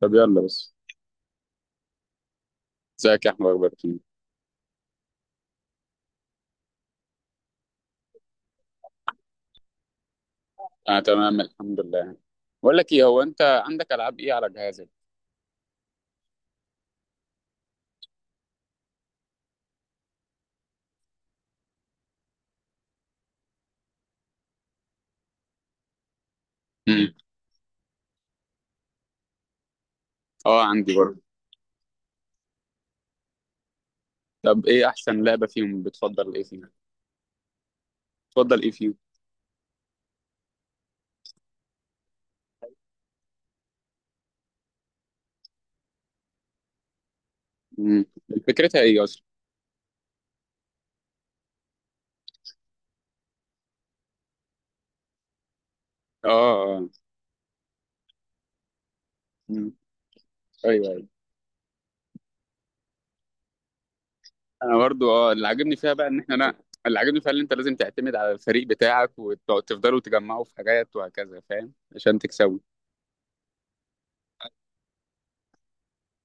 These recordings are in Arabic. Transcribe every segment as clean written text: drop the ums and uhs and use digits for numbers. طب يلا بس، ازيك يا احمد، اخبارك إيه؟ انا تمام الحمد لله، يعني. بقول لك ايه، هو انت عندك العاب ايه على جهازك؟ امم. اه عندي برضه. طب ايه احسن لعبه فيهم؟ بتفضل ايه فيهم؟ بتفضل ايه فيهم؟ امم. فكرتها ايه اصلا؟ اه، اه، آه. مم. ايوه، ايوه. انا برضه، اللي عاجبني فيها بقى ان احنا، انا اللي عاجبني فيها ان انت لازم تعتمد على الفريق بتاعك وتفضلوا تجمعوا في حاجات وهكذا، فاهم؟ عشان تكسبوا.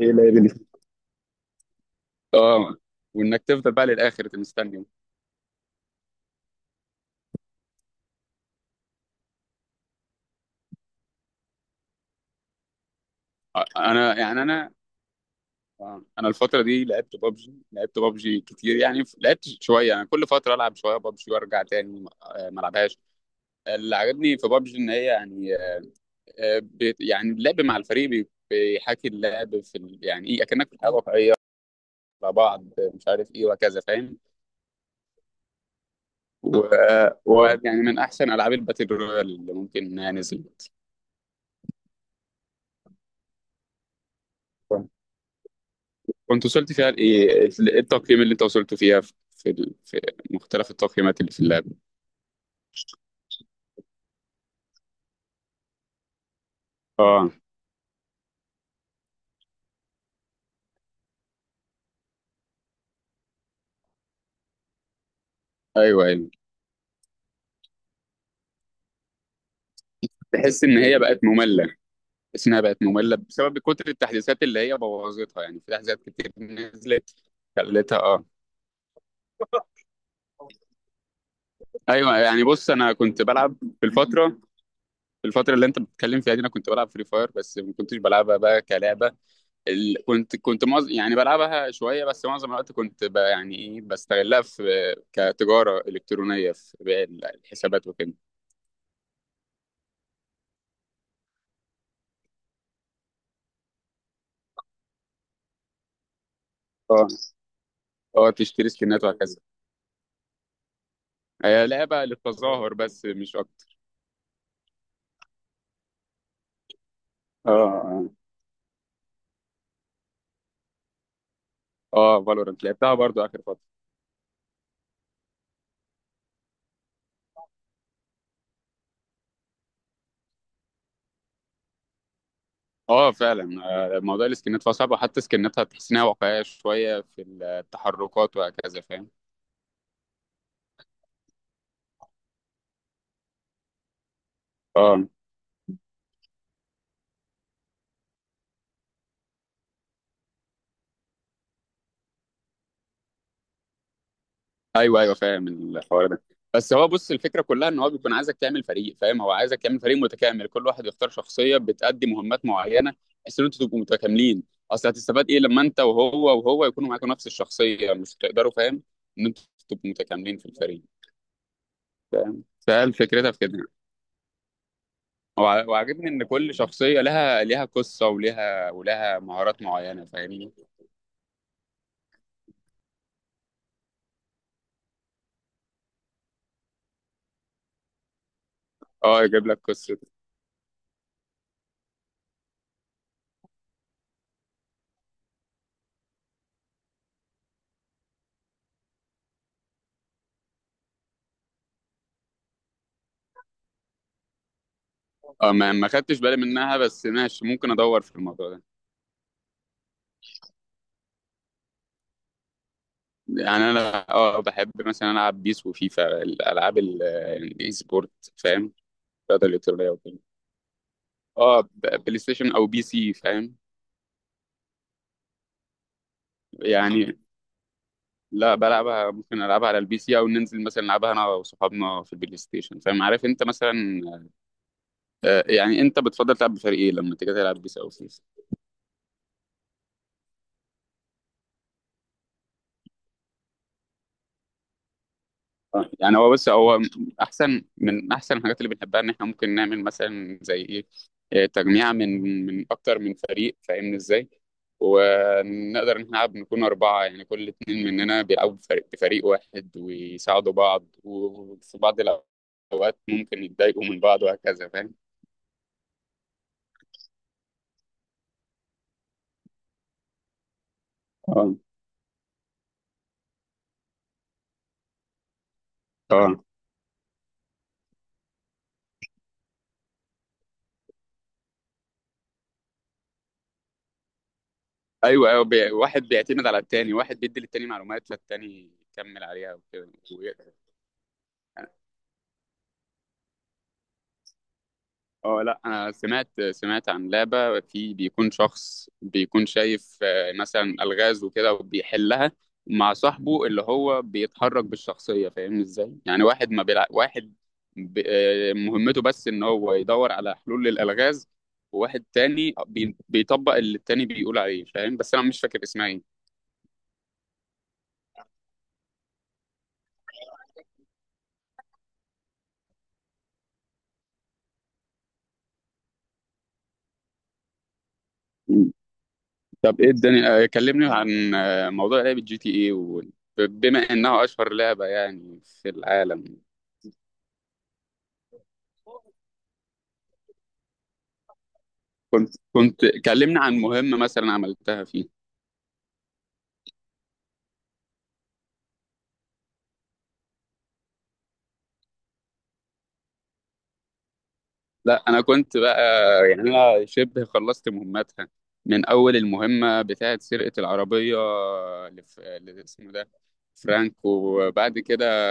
ايه اللعبه دي؟ اه. وانك تفضل بقى للاخر مستني. انا يعني انا. آه. انا الفتره دي لعبت بابجي كتير، يعني لعبت شويه، يعني كل فتره العب شويه بابجي وارجع تاني، ما العبهاش. اللي عجبني في بابجي ان هي يعني يعني اللعب مع الفريق بيحاكي اللعب في يعني ايه، اكنك في الحياه الواقعيه مع بعض، مش عارف ايه وهكذا، فاهم؟ ويعني من احسن العاب الباتل رويال اللي ممكن انها نزلت. كنت وصلت فيها لايه؟ إيه التقييم اللي انت وصلت فيها في مختلف التقييمات اللي في اللعبه؟ اه. ايوه، ايوه. تحس ان هي بقت ممله تحس انها بقت ممله بسبب كتر التحديثات اللي هي بوظتها، يعني في تحديثات كتير نزلت خلتها، اه. ايوه، يعني بص، انا كنت بلعب في الفتره اللي انت بتتكلم فيها دي. انا كنت بلعب فري فاير، بس ما كنتش بلعبها بقى كلعبه. ال... كنت كنت معظ... يعني بلعبها شويه، بس معظم الوقت كنت يعني ايه، بستغلها في كتجاره الكترونيه، في بيع الحسابات وكده. اه. اه. تشتري سكنات وهكذا. هي لعبه للتظاهر، بس مش اكتر. اه. اه، فالورنت لعبتها برضو اخر فتره. اه، فعلا. موضوع السكنات فصعب، وحتى سكناتها تحس انها واقعيه شويه في التحركات وهكذا، فاهم؟ اه، ايوه، ايوه، فاهم الحوار ده. بس هو، بص، الفكره كلها ان هو بيكون عايزك تعمل فريق، فاهم؟ هو عايزك تعمل فريق متكامل، كل واحد يختار شخصيه بتأدي مهمات معينه، بحيث ان انتوا تبقوا متكاملين. اصل هتستفاد ايه لما انت وهو يكونوا معاكم نفس الشخصيه؟ مش هتقدروا، فاهم؟ ان انتوا تبقوا متكاملين في الفريق. فاهم؟ فهل فكرتها في كده. وعاجبني ان كل شخصيه لها قصه، ولها مهارات معينه، فاهمني؟ اه، يجيب لك قصه. اه، ما خدتش بالي منها، بس ماشي، ممكن ادور في الموضوع ده. يعني انا، بحب مثلا العب بيس وفيفا، الالعاب الاي سبورت، فاهم؟ الرياضه الالكترونيه وكده. اه، بلاي ستيشن او بي سي، فاهم؟ يعني لا، بلعبها ممكن العبها على البي سي، او ننزل مثلا نلعبها انا وصحابنا في البلاي ستيشن، فاهم؟ عارف انت مثلا. يعني انت بتفضل تلعب بفريق ايه لما تيجي تلعب بيس او فيفا؟ يعني هو، بس هو احسن الحاجات اللي بنحبها، ان احنا ممكن نعمل مثلا زي ايه، إيه، تجميع من اكتر من فريق، فاهمني ازاي؟ ونقدر ان احنا نلعب نكون اربعه، يعني كل اتنين مننا بيلعبوا بفريق واحد ويساعدوا بعض، وفي بعض الاوقات ممكن يتضايقوا من بعض وهكذا، فاهم؟ اه، اه، ايوه، ايوه. واحد بيعتمد على التاني، واحد بيدي للتاني معلومات فالتاني يكمل عليها وكده. اه، لا، انا سمعت عن لعبه في بيكون شخص بيكون شايف مثلا الغاز وكده وبيحلها مع صاحبه اللي هو بيتحرك بالشخصيه، فاهمني ازاي؟ يعني واحد ما بيلع... واحد ب... آه، مهمته بس ان هو يدور على حلول للالغاز، وواحد تاني بيطبق اللي التاني بيقول عليه، فاهم؟ بس انا مش فاكر اسمها ايه. طب ايه الدنيا، كلمني عن موضوع لعبه جي تي اي بما انها اشهر لعبه يعني في العالم. كنت كنت كلمنا عن مهمة مثلا عملتها فيه. لا، أنا كنت بقى، يعني أنا شبه خلصت مهمتها. من أول المهمة بتاعة سرقة العربية، اللي اسمه ده فرانك، وبعد كده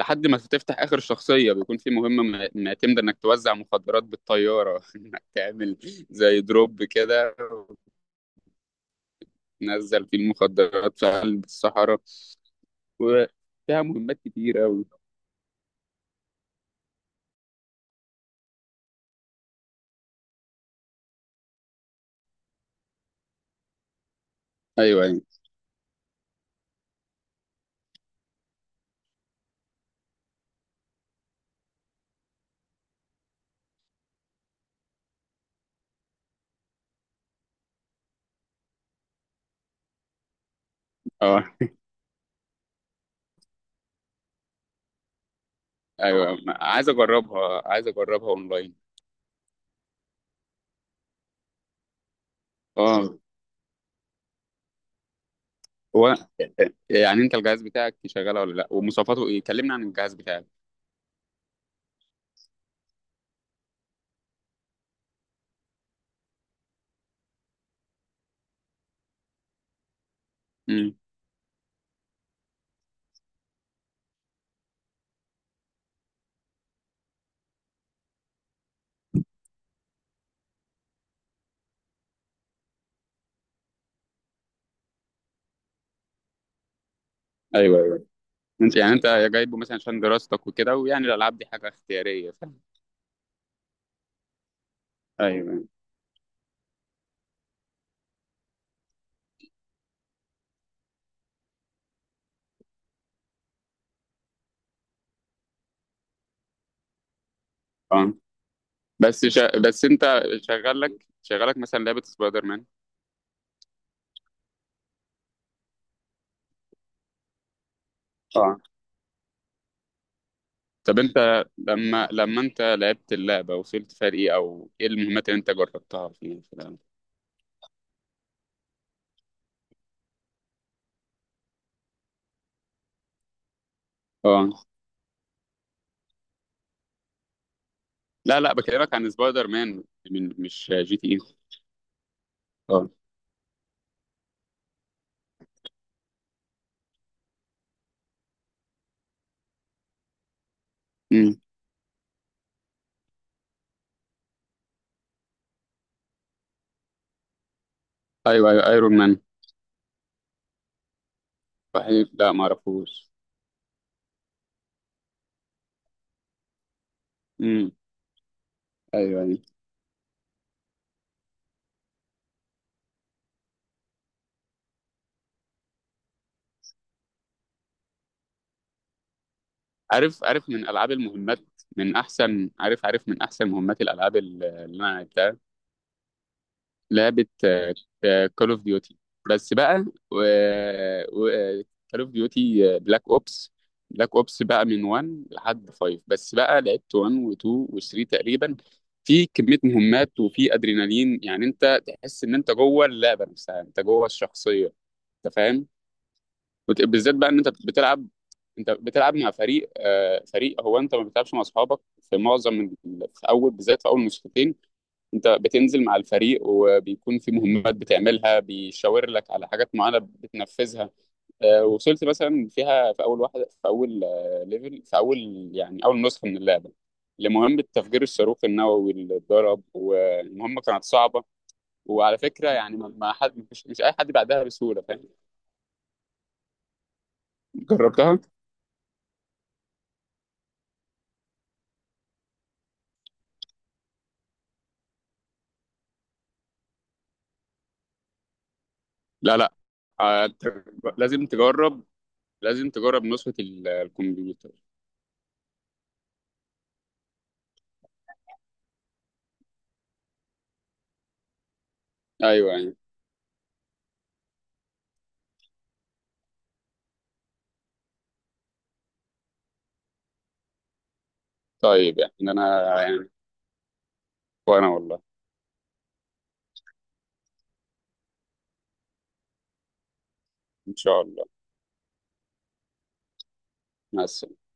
لحد ما تفتح آخر شخصية، بيكون في مهمة معتمدة إنك توزع مخدرات بالطيارة إنك تعمل زي دروب كده، وتنزل فيه المخدرات في قلب الصحراء، وفيها مهمات كتير أوي. أيوه، أيوه. آه. ايوه، عايز اجربها اونلاين. اه، هو يعني انت الجهاز بتاعك شغاله ولا لا؟ ومواصفاته ايه؟ كلمنا عن الجهاز بتاعك. امم. ايوه، ايوه. انت يعني انت جايبه مثلا عشان دراستك وكده، ويعني الالعاب دي حاجه اختياريه، فاهم؟ ايوه. اه، بس انت شغالك مثلا لعبه سبايدر مان. اه. طب انت لما انت لعبت اللعبه، وصلت فرق ايه او ايه المهمات اللي انت جربتها فيها في اللعبة؟ اه، لا، لا، بكلمك عن سبايدر مان، من مش جي تي اي. اه. امم. ايوه، ايوه، ايرون مان. صحيح، لا ما اعرفوش. امم. ايوه، ايوه. عارف، عارف من العاب المهمات. من احسن، عارف، عارف من احسن مهمات الالعاب اللي انا لعبتها. لعبه كول اوف ديوتي، بس بقى كول اوف ديوتي بلاك اوبس. بلاك اوبس بقى من 1 لحد 5، بس بقى لعبت 1 و2 و3 تقريبا. في كميه مهمات وفي ادرينالين، يعني انت تحس ان انت جوه اللعبه نفسها، انت جوه الشخصيه، انت فاهم؟ بالذات بقى ان انت بتلعب مع فريق. هو انت ما بتلعبش مع اصحابك في معظم في اول، بالذات في اول نسختين. انت بتنزل مع الفريق، وبيكون في مهمات بتعملها بيشاور لك على حاجات معينه بتنفذها. وصلت مثلا فيها في اول واحده، في اول ليفل، في اول يعني اول نسخه من اللعبه، لمهمه تفجير الصاروخ النووي اللي اتضرب، والمهمه كانت صعبه، وعلى فكره يعني ما حد مش اي حد بعدها بسهوله، فاهم؟ جربتها. لا، لا. آه، ت- لازم تجرب لازم تجرب نسخة الكمبيوتر. ايوه، يعني طيب، يعني انا، يعني وانا، والله ان شاء الله. مع السلامة.